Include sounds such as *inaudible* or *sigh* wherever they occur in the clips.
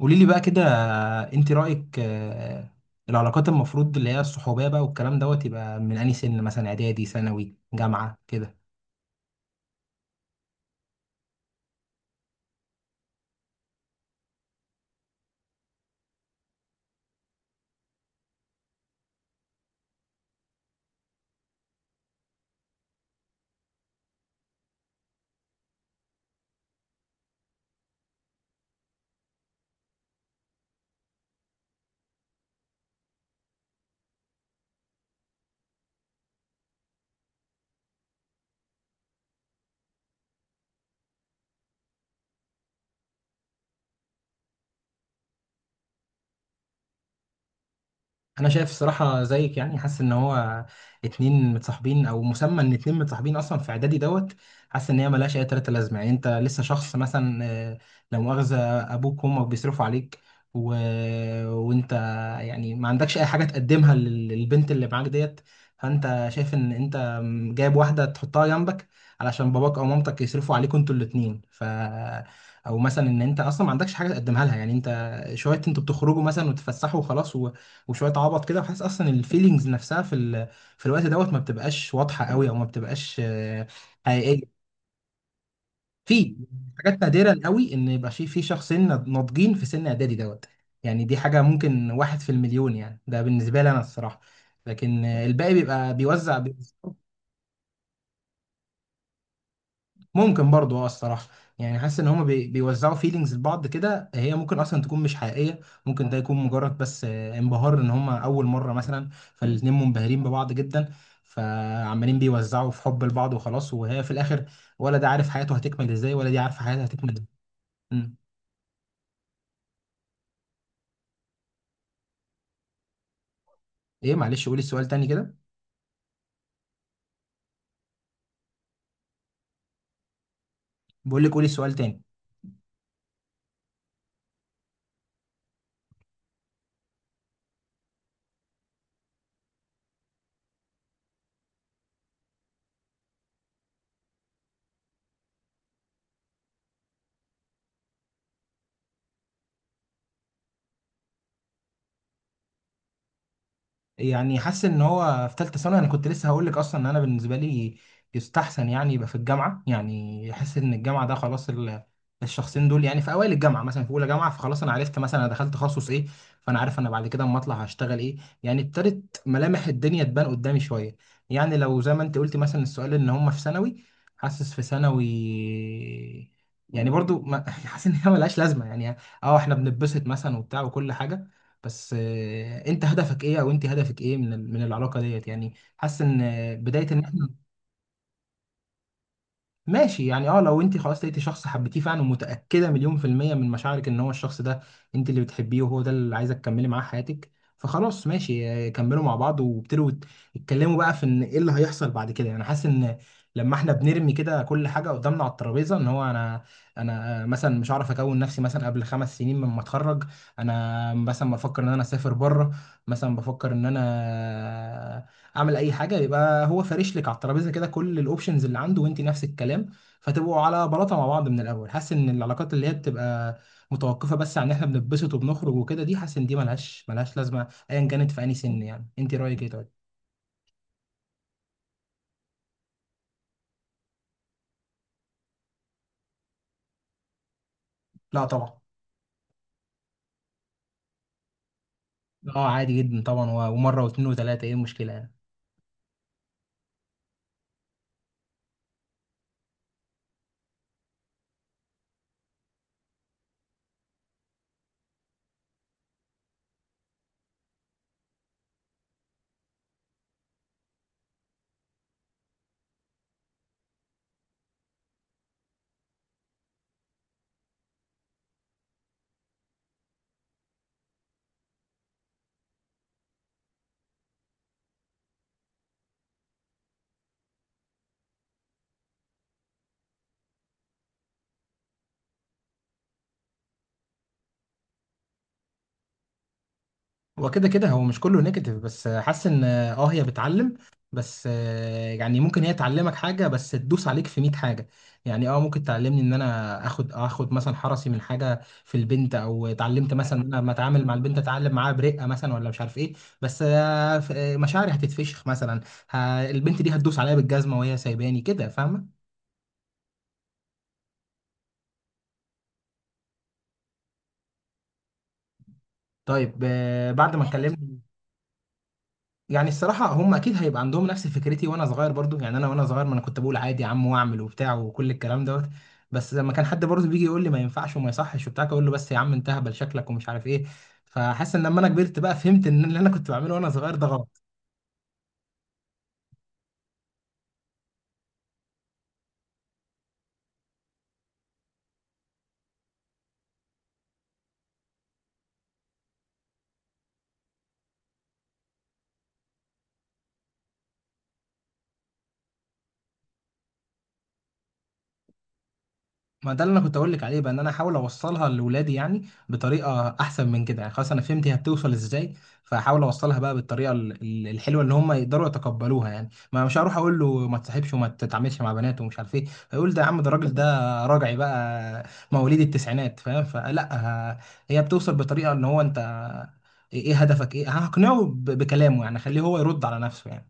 قولي لي بقى كده، انت رأيك، العلاقات المفروض اللي هي الصحوبية بقى والكلام دوت، يبقى من انهي سن؟ مثلا اعدادي، ثانوي، جامعة كده؟ انا شايف الصراحه زيك، يعني حاسس ان هو اتنين متصاحبين، او مسمى ان اتنين متصاحبين اصلا في اعدادي دوت. حاسس ان هي ملهاش اي تلاته لازمه، يعني انت لسه شخص مثلا، لا مؤاخذه، ابوك وامك بيصرفوا عليك، و... وانت يعني ما عندكش اي حاجه تقدمها للبنت اللي معاك ديت. فانت شايف ان انت جايب واحده تحطها جنبك، علشان باباك او مامتك يصرفوا عليكوا انتوا الاتنين. او مثلا ان انت اصلا ما عندكش حاجه تقدمها لها، يعني انت شويه، انتوا بتخرجوا مثلا وتتفسحوا وخلاص، وشويه عبط كده. وحاسس اصلا الفيلينجز نفسها في الوقت دوت ما بتبقاش واضحه قوي، او ما بتبقاش حقيقيه. في حاجات نادره قوي ان يبقى في شخصين ناضجين في سن اعدادي دوت. يعني دي حاجه ممكن واحد في المليون، يعني ده بالنسبه لي انا الصراحه. لكن الباقي بيبقى بيوزع. ممكن برضو، اه الصراحة، يعني حاسس ان هما بيوزعوا فيلينجز لبعض كده، هي ممكن اصلا تكون مش حقيقية. ممكن ده يكون مجرد بس انبهار، ان هما اول مرة مثلا، فالاتنين منبهرين ببعض جدا، فعمالين بيوزعوا في حب لبعض وخلاص. وهي في الاخر، ولا ده عارف حياته هتكمل ازاي، ولا دي عارفة حياتها هتكمل ازاي. مم. ايه معلش، قولي السؤال تاني كده. بقول لك، قولي السؤال تاني. يعني حاسس ان هو في ثالثه ثانوي، انا كنت لسه هقول لك اصلا، ان انا بالنسبه لي يستحسن، يعني يبقى في الجامعه. يعني احس ان الجامعه ده خلاص، الشخصين دول يعني في اوائل الجامعه مثلا، في اولى جامعه، فخلاص انا عرفت مثلا انا دخلت تخصص ايه. فانا عارف انا بعد كده اما اطلع هشتغل ايه، يعني ابتدت ملامح الدنيا تبان قدامي شويه. يعني لو زي ما انت قلت مثلا السؤال، ان هم في ثانوي. حاسس في ثانوي، يعني برضو ما *laughs* حاسس ان هي ملهاش لازمه يعني. اه احنا بنتبسط مثلا وبتاع وكل حاجه، بس انت هدفك ايه؟ او انت هدفك ايه من العلاقه ديت؟ يعني حاسس ان بدايه ان احنا ماشي. يعني اه، لو انت خلاص لقيتي شخص حبيتيه فعلا ومتأكدة مليون% من مشاعرك ان هو الشخص ده انت اللي بتحبيه، وهو ده اللي عايزة تكملي معاه حياتك. فخلاص ماشي، كملوا مع بعض وابتدوا يتكلموا بقى في ان ايه اللي هيحصل بعد كده. يعني حاسس ان لما احنا بنرمي كده كل حاجة قدامنا على الترابيزة، ان هو انا مثلا مش عارف، اكون نفسي مثلا قبل 5 سنين لما اتخرج. انا مثلا بفكر ان انا اسافر بره، مثلا بفكر ان انا اعمل اي حاجه. يبقى هو فارش لك على الترابيزه كده كل الاوبشنز اللي عنده، وانت نفس الكلام. فتبقوا على بلاطه مع بعض من الاول. حاسس ان العلاقات اللي هي بتبقى متوقفه بس عن ان احنا بنتبسط وبنخرج وكده، دي حاسس ان دي ملهاش لازمه ايا كانت في اي سن. يعني انت رايك ايه؟ طيب. لا طبعا. اه عادي جدا طبعا، ومره واثنين وثلاثه، ايه المشكله يعني؟ هو كده كده هو مش كله نيجاتيف، بس حاسس ان اه هي بتعلم، بس يعني ممكن هي تعلمك حاجه بس تدوس عليك في 100 حاجه. يعني اه ممكن تعلمني ان انا اخد مثلا حرصي من حاجه في البنت، او اتعلمت مثلا ان انا لما اتعامل مع البنت اتعلم معاها برقه مثلا، ولا مش عارف ايه. بس مشاعري هتتفشخ مثلا. البنت دي هتدوس عليا بالجزمه وهي سايباني كده، فاهمه؟ طيب بعد ما اتكلمنا، يعني الصراحة هم أكيد هيبقى عندهم نفس فكرتي وأنا صغير برضو. يعني أنا وأنا صغير، ما أنا كنت بقول عادي يا عم، وأعمل وبتاع وكل الكلام دوت. بس لما كان حد برضو بيجي يقول لي ما ينفعش وما يصحش وبتاع، أقول له بس يا عم انت هبل شكلك، ومش عارف إيه. فحاسس إن لما أنا كبرت بقى، فهمت إن اللي أنا كنت بعمله وأنا صغير ده غلط. ما ده اللي انا كنت اقول لك عليه بقى، ان انا احاول اوصلها لاولادي يعني، بطريقه احسن من كده. يعني خلاص انا فهمت هي بتوصل ازاي، فاحاول اوصلها بقى بالطريقه الحلوه اللي هم يقدروا يتقبلوها. يعني ما مش هروح اقول له ما تصاحبش وما تتعاملش مع بنات ومش عارف ايه. هيقول ده يا عم، ده الراجل ده راجعي بقى مواليد التسعينات، فاهم؟ فلا. ه- هي بتوصل بطريقه ان هو انت إيه هدفك ايه. هقنعه بكلامه، يعني خليه هو يرد على نفسه يعني.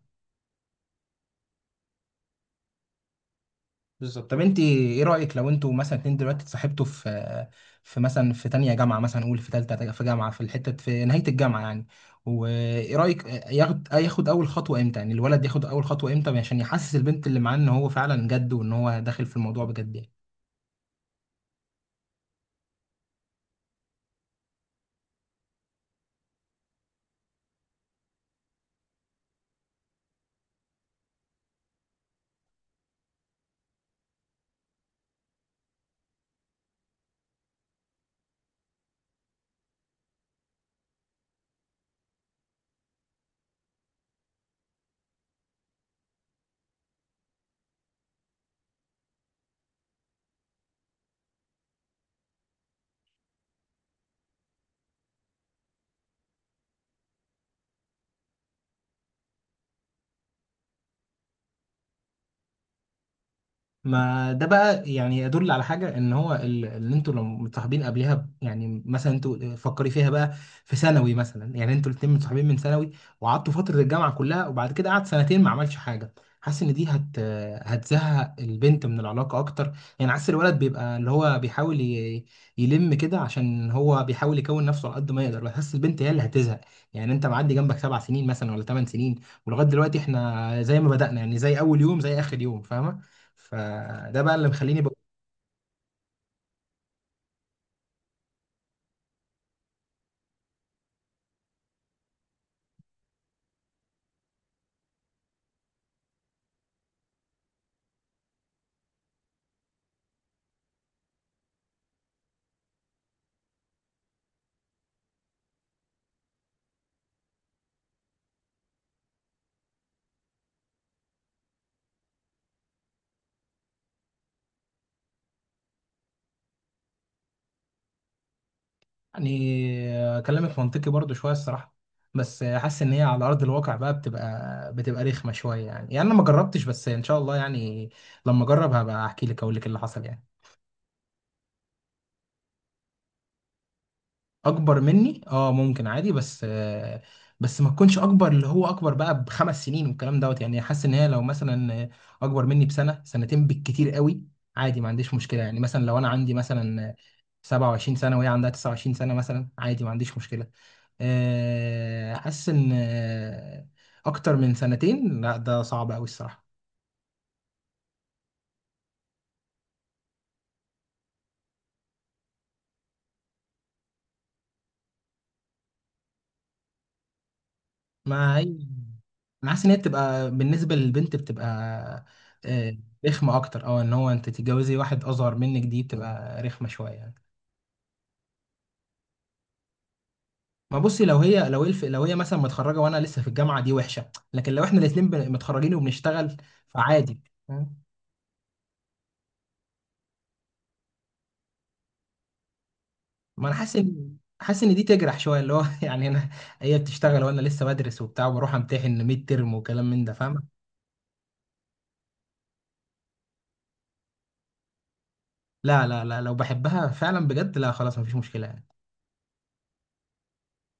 بالظبط. طب انت ايه رايك لو انتوا مثلا اتنين دلوقتي اتصاحبتوا في مثلا في تانية جامعه، مثلا قول في تالتة في جامعه، في الحته في نهايه الجامعه يعني. وايه رايك ياخد اول خطوه امتى؟ يعني الولد ياخد اول خطوه امتى عشان يحسس البنت اللي معاه ان هو فعلا جد، وان هو داخل في الموضوع بجد يعني؟ ما ده بقى يعني يدل على حاجة. ان هو اللي انتوا لو متصاحبين قبلها يعني مثلا انتوا فكري فيها بقى في ثانوي مثلا. يعني انتوا الاتنين متصاحبين من ثانوي، وقعدتوا فترة الجامعة كلها، وبعد كده قعد سنتين ما عملش حاجة. حاسس ان دي هتزهق البنت من العلاقة اكتر. يعني حاسس الولد بيبقى اللي هو بيحاول يلم كده، عشان هو بيحاول يكون نفسه على قد ما يقدر. بحس البنت هي اللي هتزهق. يعني انت معدي جنبك 7 سنين مثلا، ولا 8 سنين، ولغاية دلوقتي احنا زي ما بدأنا، يعني زي اول يوم زي اخر يوم، فاهمة؟ فده بقى اللي مخليني بقول. يعني كلامك منطقي برضو شويه الصراحه، بس حاسس ان هي على ارض الواقع بقى بتبقى رخمه شويه يعني. يعني انا ما جربتش، بس ان شاء الله يعني لما اجرب هبقى احكي لك، اقول لك اللي حصل يعني. اكبر مني؟ اه، ممكن، عادي. بس بس ما تكونش اكبر، اللي هو اكبر بقى بخمس سنين والكلام دوت. يعني حاسس ان هي لو مثلا اكبر مني بسنه سنتين بالكتير قوي، عادي ما عنديش مشكله. يعني مثلا لو انا عندي مثلا 27 سنه وهي عندها 29 سنه مثلا، عادي ما عنديش مشكله. حاسس ان اكتر من سنتين، لا ده صعب قوي الصراحه. ما هي انا حاسس ان هي بتبقى بالنسبه للبنت بتبقى آه، رخمه اكتر. او ان هو انت تتجوزي واحد اصغر منك، دي بتبقى رخمه شويه يعني. ما بصي، لو هي مثلا متخرجه وانا لسه في الجامعه، دي وحشه. لكن لو احنا الاثنين متخرجين وبنشتغل، فعادي، فاهم؟ ما انا حاسس ان دي تجرح شويه، اللي هو *laughs* يعني انا. هي بتشتغل وانا لسه بدرس وبتاع وبروح امتحن ميد ترم وكلام من ده، فاهم؟ لا لا لا، لو بحبها فعلا بجد لا، خلاص مفيش مشكلة.